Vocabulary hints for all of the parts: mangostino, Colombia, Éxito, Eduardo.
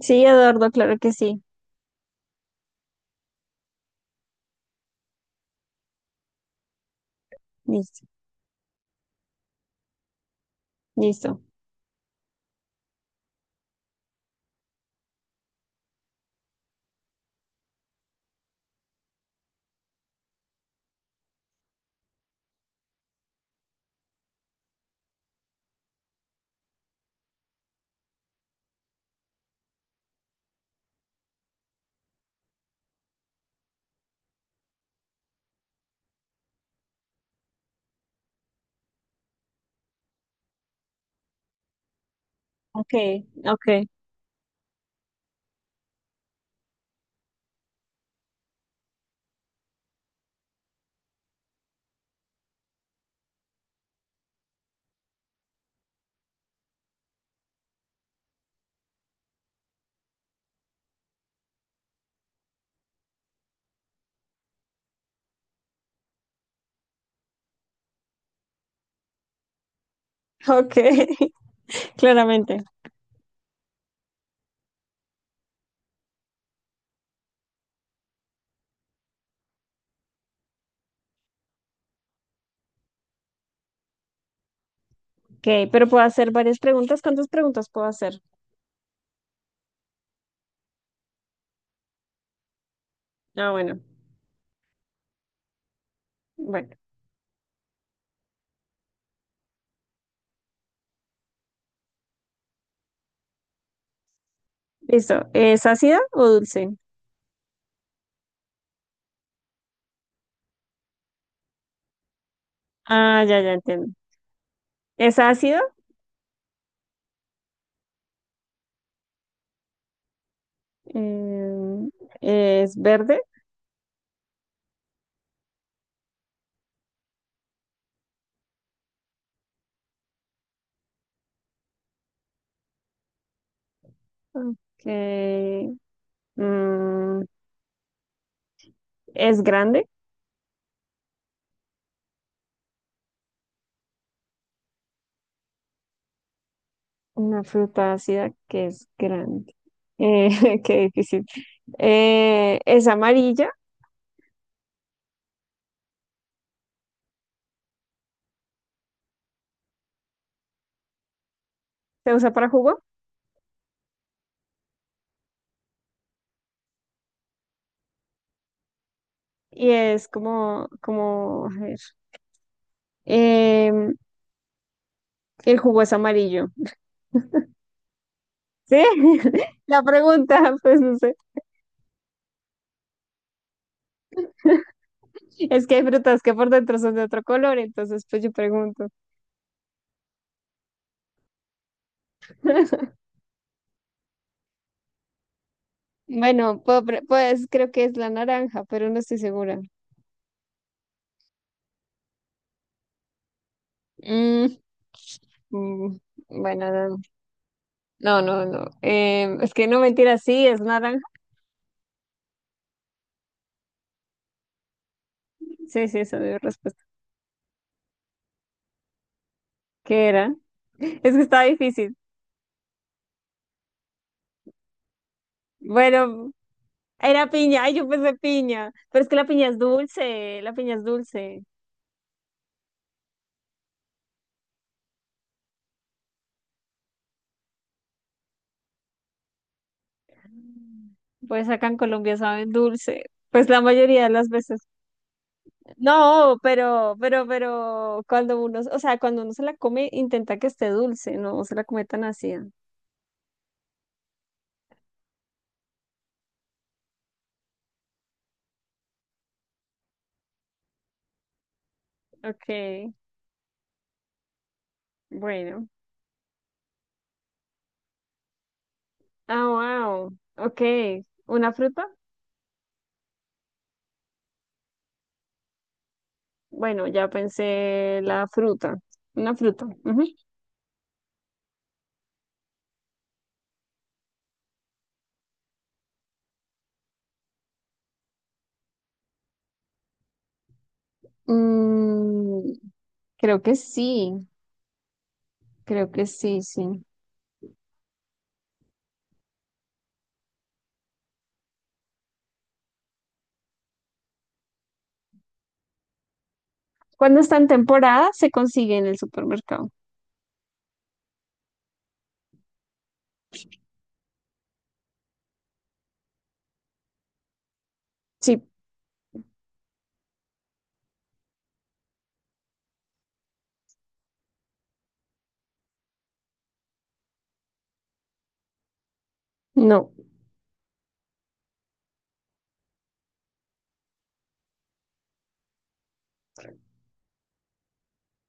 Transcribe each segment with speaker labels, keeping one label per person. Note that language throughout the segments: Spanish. Speaker 1: Sí, Eduardo, claro que sí. Listo, listo. Ok, ok, ok, claramente. Ok, pero puedo hacer varias preguntas. ¿Cuántas preguntas puedo hacer? Ah, bueno, bueno, listo. ¿Es ácida o dulce? Ah, ya, ya entiendo. ¿Es ácida? Em, ¿Es verde? Ok. mm, ¿Es grande? Una fruta ácida que es grande. Eh, qué difícil. ¿Es amarilla? ¿Se usa para jugo? Y es como, a ver, em, el jugo es amarillo. ¿Sí? La pregunta, pues no sé. Es que hay frutas que por dentro son de otro color, entonces pues yo pregunto. Bueno, pues creo que es la naranja, pero no estoy segura. Mm, mm, bueno, no, no, no. No. Es que no mentira, sí, es naranja. Sí, sí, esa es mi respuesta. ¿Qué era? Es que estaba difícil. Bueno, era piña, ay, yo pensé piña, pero es que la piña es dulce, la piña es dulce. Pues acá en Colombia saben dulce, pues la mayoría de las veces. No, pero cuando uno, o sea, cuando uno se la come, intenta que esté dulce, no se la come tan ácida. Okay, bueno. Ah, wow. Okay, ¿una fruta? Bueno, ya pensé la fruta. Una fruta. Ujú. Mm, creo que sí, creo que sí, sí. Cuando está en temporada, se consigue en el supermercado. Sí, no.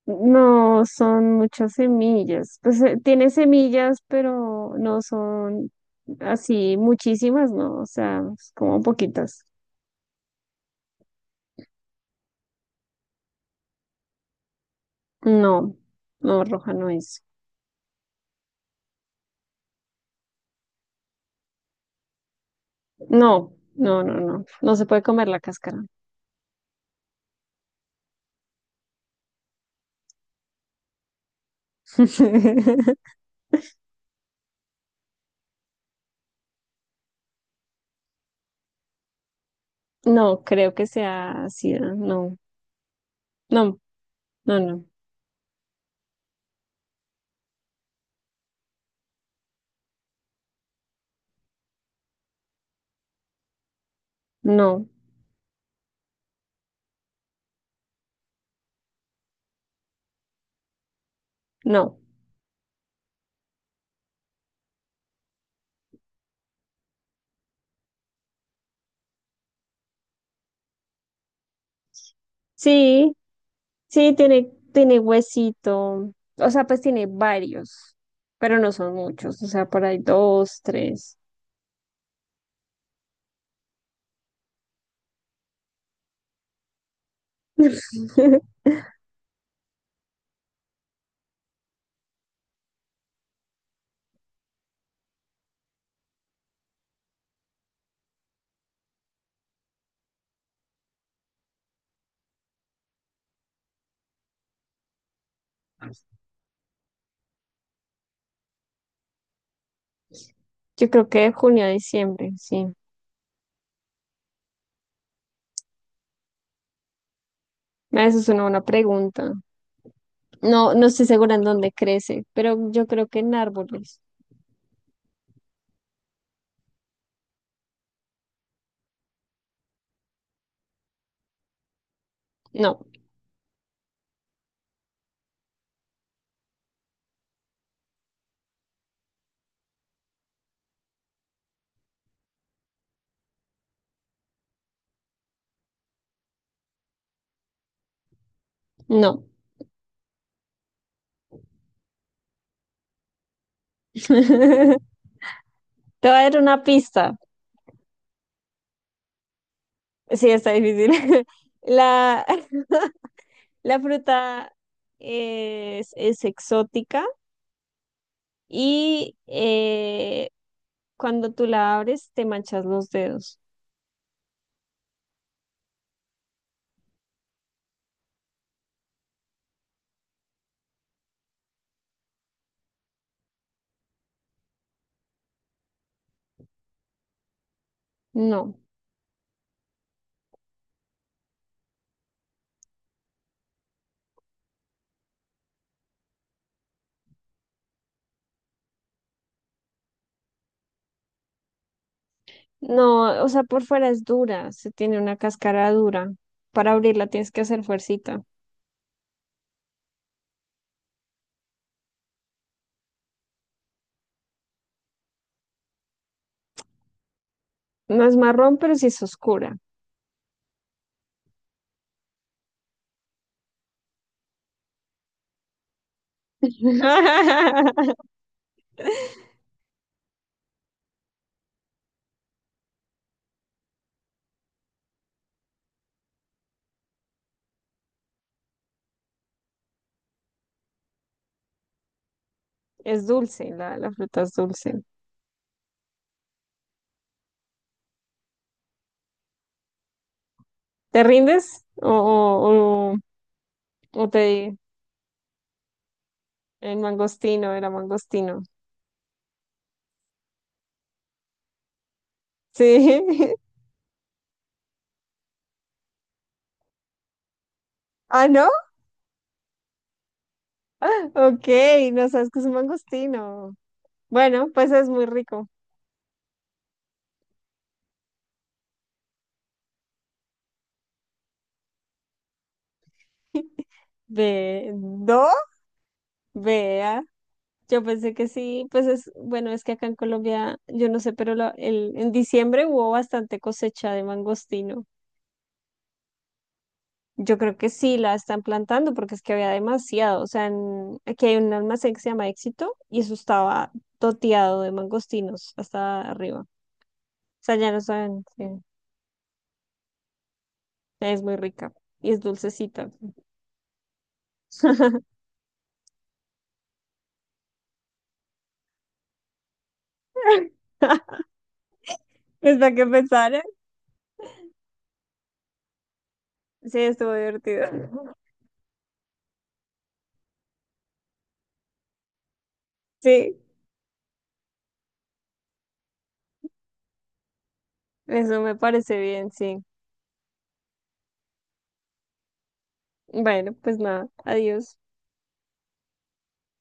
Speaker 1: No son muchas semillas. Pues tiene semillas, pero no son así muchísimas, ¿no? O sea, es como poquitas. No, no, roja no es. No, no, no, no. No se puede comer la cáscara. No, creo que sea ácida. No, no, no, no, no, no. Sí, sí, tiene huesito. O sea, pues tiene varios, pero no son muchos. O sea, por ahí dos, tres. Yo creo que de junio a diciembre, sí. Ah, eso es una buena pregunta. No, no estoy segura en dónde crece, pero yo creo que en árboles. No, no. Te voy a dar una pista. Sí, está difícil. La, la fruta es exótica y cuando tú la abres te manchas los dedos. No, no, o sea, por fuera es dura, se tiene una cáscara dura. Para abrirla tienes que hacer fuercita. No es marrón, pero sí es oscura. Es dulce, la fruta es dulce. ¿Te rindes? ¿O te... El mangostino, era mangostino. Sí. Ah, ¿no? Ok, no sabes que es un mangostino. Bueno, pues es muy rico. Ve, no, vea. Yo pensé que sí, pues es, bueno, es que acá en Colombia, yo no sé, pero en diciembre hubo bastante cosecha de mangostino. Yo creo que sí la están plantando porque es que había demasiado. O sea, aquí hay un almacén que se llama Éxito y eso estaba toteado de mangostinos hasta arriba. O sea, ya no saben, sí, es muy rica y es dulcecita. Es para que pensar, sí, estuvo divertido. Sí, eso me parece bien, sí. Bueno, pues nada, adiós.